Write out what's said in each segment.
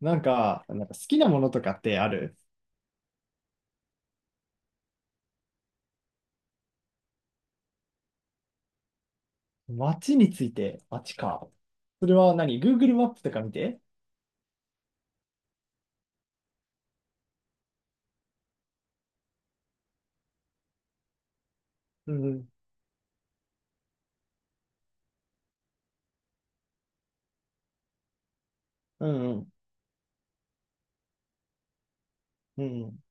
なんか好きなものとかってある？街について、街か。それは何？ Google マップとか見て？うんうん。うんうん。うん。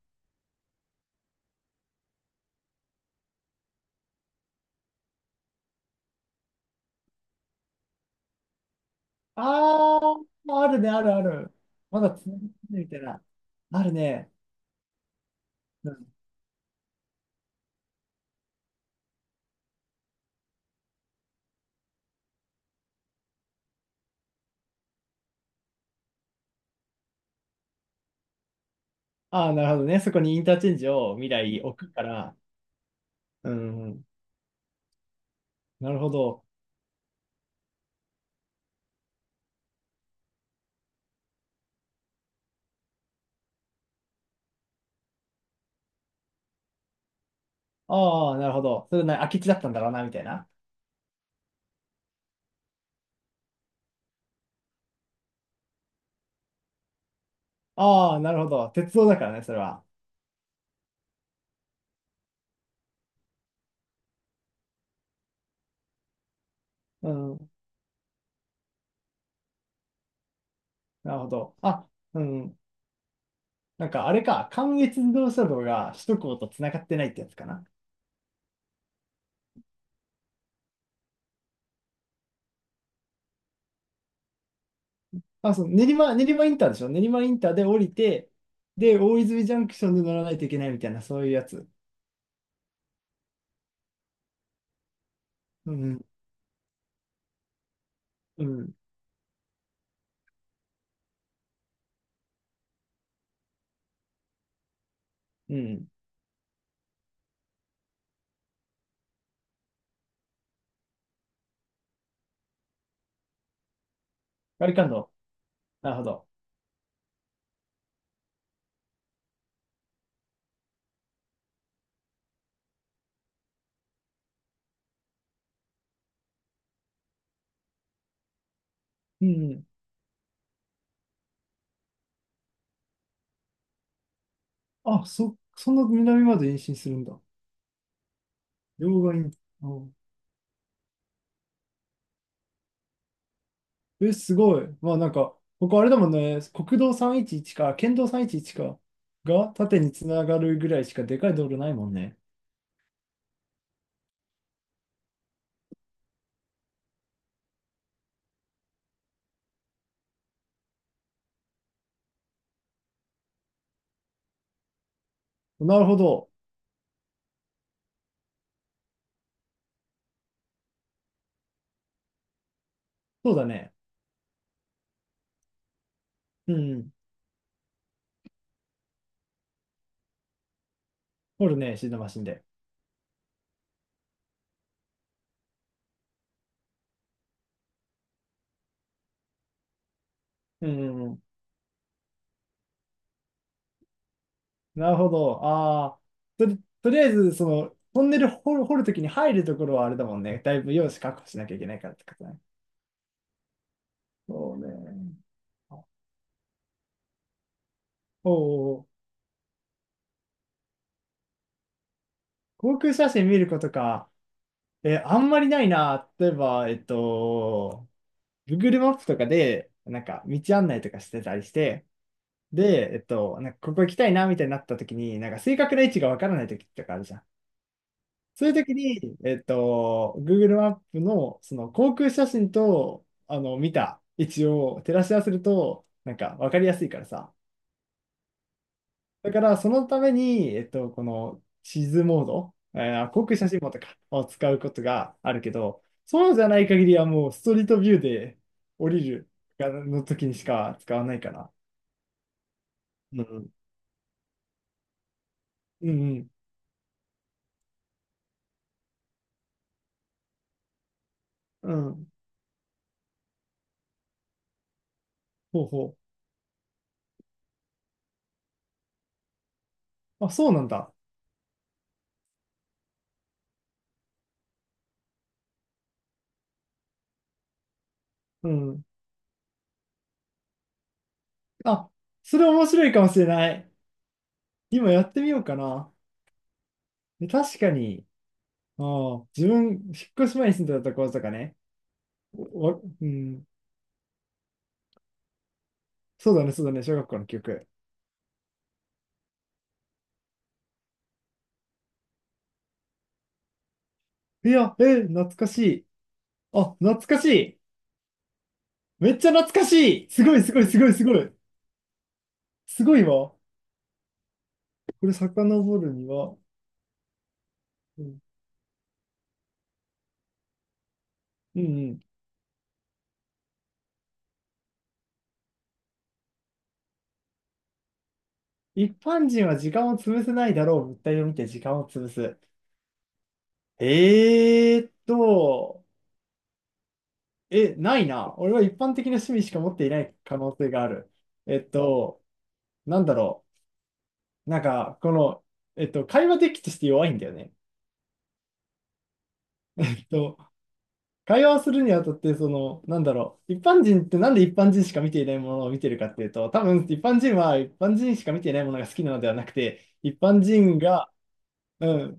ああ、あるね、あるある。まだつながってるみたいな。あるね。うん。あー、なるほどね。そこにインターチェンジを未来置くから。うんうん。なるほど。ああなるほど。それな、空き地だったんだろうな、みたいな。ああなるほど。鉄道だからね、それは。うん。なるほど。あ、うん。なんかあれか、関越自動車道が首都高と繋がってないってやつかな。あ、そう、練馬インターでしょ？練馬インターで降りて、で、大泉ジャンクションで乗らないといけないみたいな、そういうやつ。うん、うん、うん。ガリカンド。なるほど。うん、うん。あ、そんな南まで延伸するんだ。両側に。うん。え、すごい。まあなんか、ここあれだもんね、国道311か、県道311か、が縦に繋がるぐらいしかでかい道路ないもんね。なるほど。そうだね。うん。掘るね、シートマシンで。うんうんうん。なるほど。ああ、とりあえず、その、トンネル掘るときに入るところはあれだもんね。だいぶ用紙確保しなきゃいけないからってことね。そうね。おお、航空写真見ることか。え、あんまりないな。例えば、Google マップとかで、なんか、道案内とかしてたりして、で、えっと、なんかここ行きたいな、みたいになったときに、なんか、正確な位置がわからないときとかあるじゃん。そういう時に、えっと、Google マップのその航空写真とあの見た位置を照らし合わせると、なんか分かりやすいからさ。だからそのために、えっと、この地図モード、航空写真モードか、を使うことがあるけど、そうじゃない限りはもうストリートビューで降りるがの時にしか使わないかな。うん。うんうん。うん。ほうほう。あ、そうなんだ。うん。あ、それ面白いかもしれない。今やってみようかな。で確かに、あー自分、引っ越し前に住んでたところとかね、おおうん、そうだね、そうだね、小学校の記憶。いや、えー、懐かしい。あ、懐かしい。めっちゃ懐かしい。すごい。すごいわ。これ、遡るには、うん、うんうん。一般人は時間を潰せないだろう。物体を見て時間を潰す。えーっと、え、ないな。俺は一般的な趣味しか持っていない可能性がある。えっと、なんだろう。なんか、この、えっと、会話的として弱いんだよね。えっと、会話をするにあたって、その、なんだろう、一般人ってなんで一般人しか見ていないものを見てるかっていうと、多分一般人は一般人しか見ていないものが好きなのではなくて、一般人が、うん、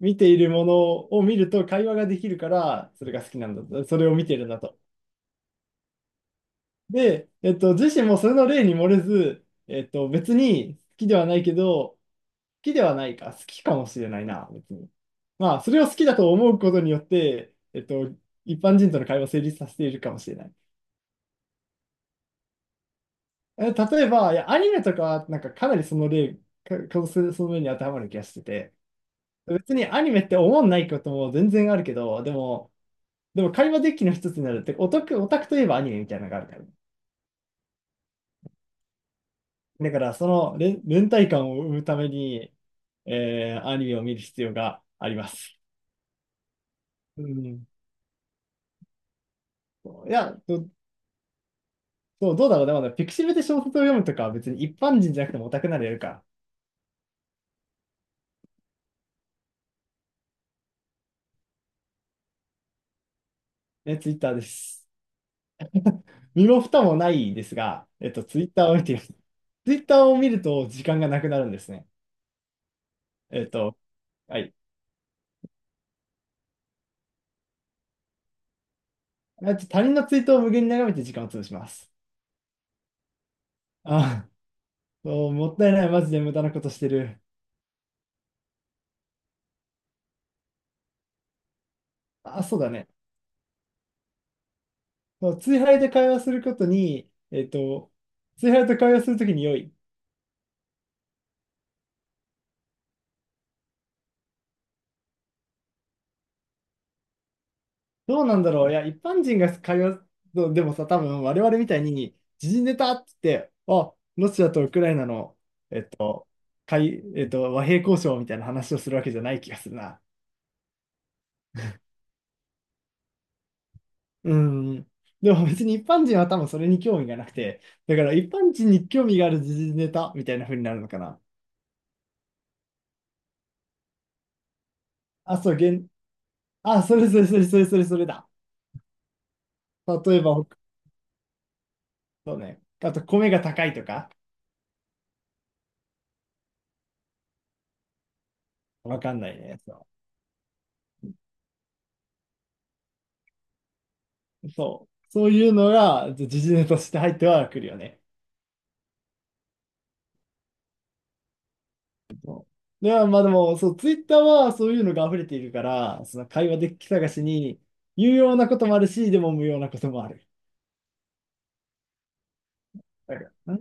見ているものを見ると会話ができるから、それが好きなんだと、それを見てるんだと。で、えっと、自身もそれの例に漏れず、えっと、別に好きではないけど、きではないか、好きかもしれないな、別に。まあ、それを好きだと思うことによって、えっと、一般人との会話を成立させているかもしれない。例えば、いや、アニメとかは、なんかかなりその例、かその面に当てはまる気がしてて、別にアニメって思んないことも全然あるけど、でも、でも会話デッキの一つになるって、オタクといえばアニメみたいなのがあるから。だから、連帯感を生むために、アニメを見る必要があります。うん。いや、ど、そう、どうだろうね。まだピクシブで小説を読むとかは別に一般人じゃなくてもオタクならやるか。ね、ツイッターです。身も蓋もないですが、えっと、ツイッターを見てみます。ツイッターを見ると時間がなくなるんですね。えっと、はい。まあと他人のツイートを無限に眺めて時間を潰します。あ、そう、もったいない。マジで無駄なことしてる。あ、そうだね。そう、ツイハイで会話することに、えっと、ツイハイと会話するときに良い。どうなんだろう。いや、一般人が会話の、でもさ、多分我々みたいに、時事ネタって言って、あ、ロシアとウクライナのえっと、和平交渉みたいな話をするわけじゃない気がするな。うん。でも別に一般人は多分それに興味がなくて、だから一般人に興味がある時事ネタみたいな風になるのかな。あ、そう、げん、あ、それだ。例えば、そうね。あと、米が高いとか、わかんないね。そう。そう。そういうのが、時事ネタとして入ってはくるよね。で、まあでも、そう、ツイッターはそういうのが溢れているから、その会話デッキ探しに有用なこともあるし、でも無用なこともある。だからん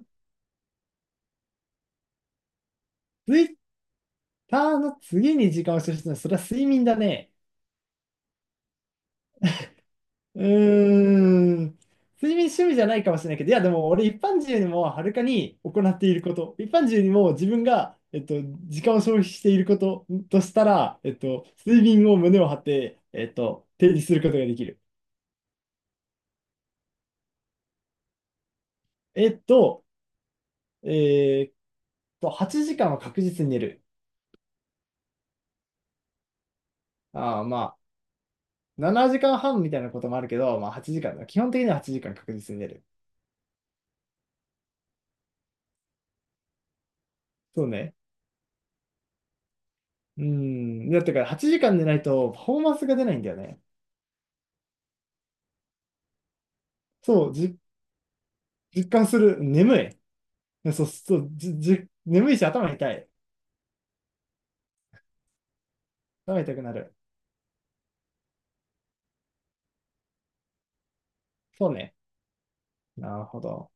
ツイッターの次に時間を消費するのは、それは睡眠だね。うーん。睡眠趣味じゃないかもしれないけど、いやでも俺一般人よりもはるかに行っていること、一般人よりも自分が、えっと、時間を消費していることとしたら、えっと、睡眠を胸を張って、えっと、提示することができる。えっと、えーっ8時間は確実に寝る。ああ、まあ、7時間半みたいなこともあるけど、まあ8時間だ。基本的には8時間確実に寝る。そうね。うん。だってから8時間寝ないとパフォーマンスが出ないんだよね。そう、実感する。眠い。そう、そう、じ、じ、眠いし頭痛い。頭痛くなる。そうね。なるほど。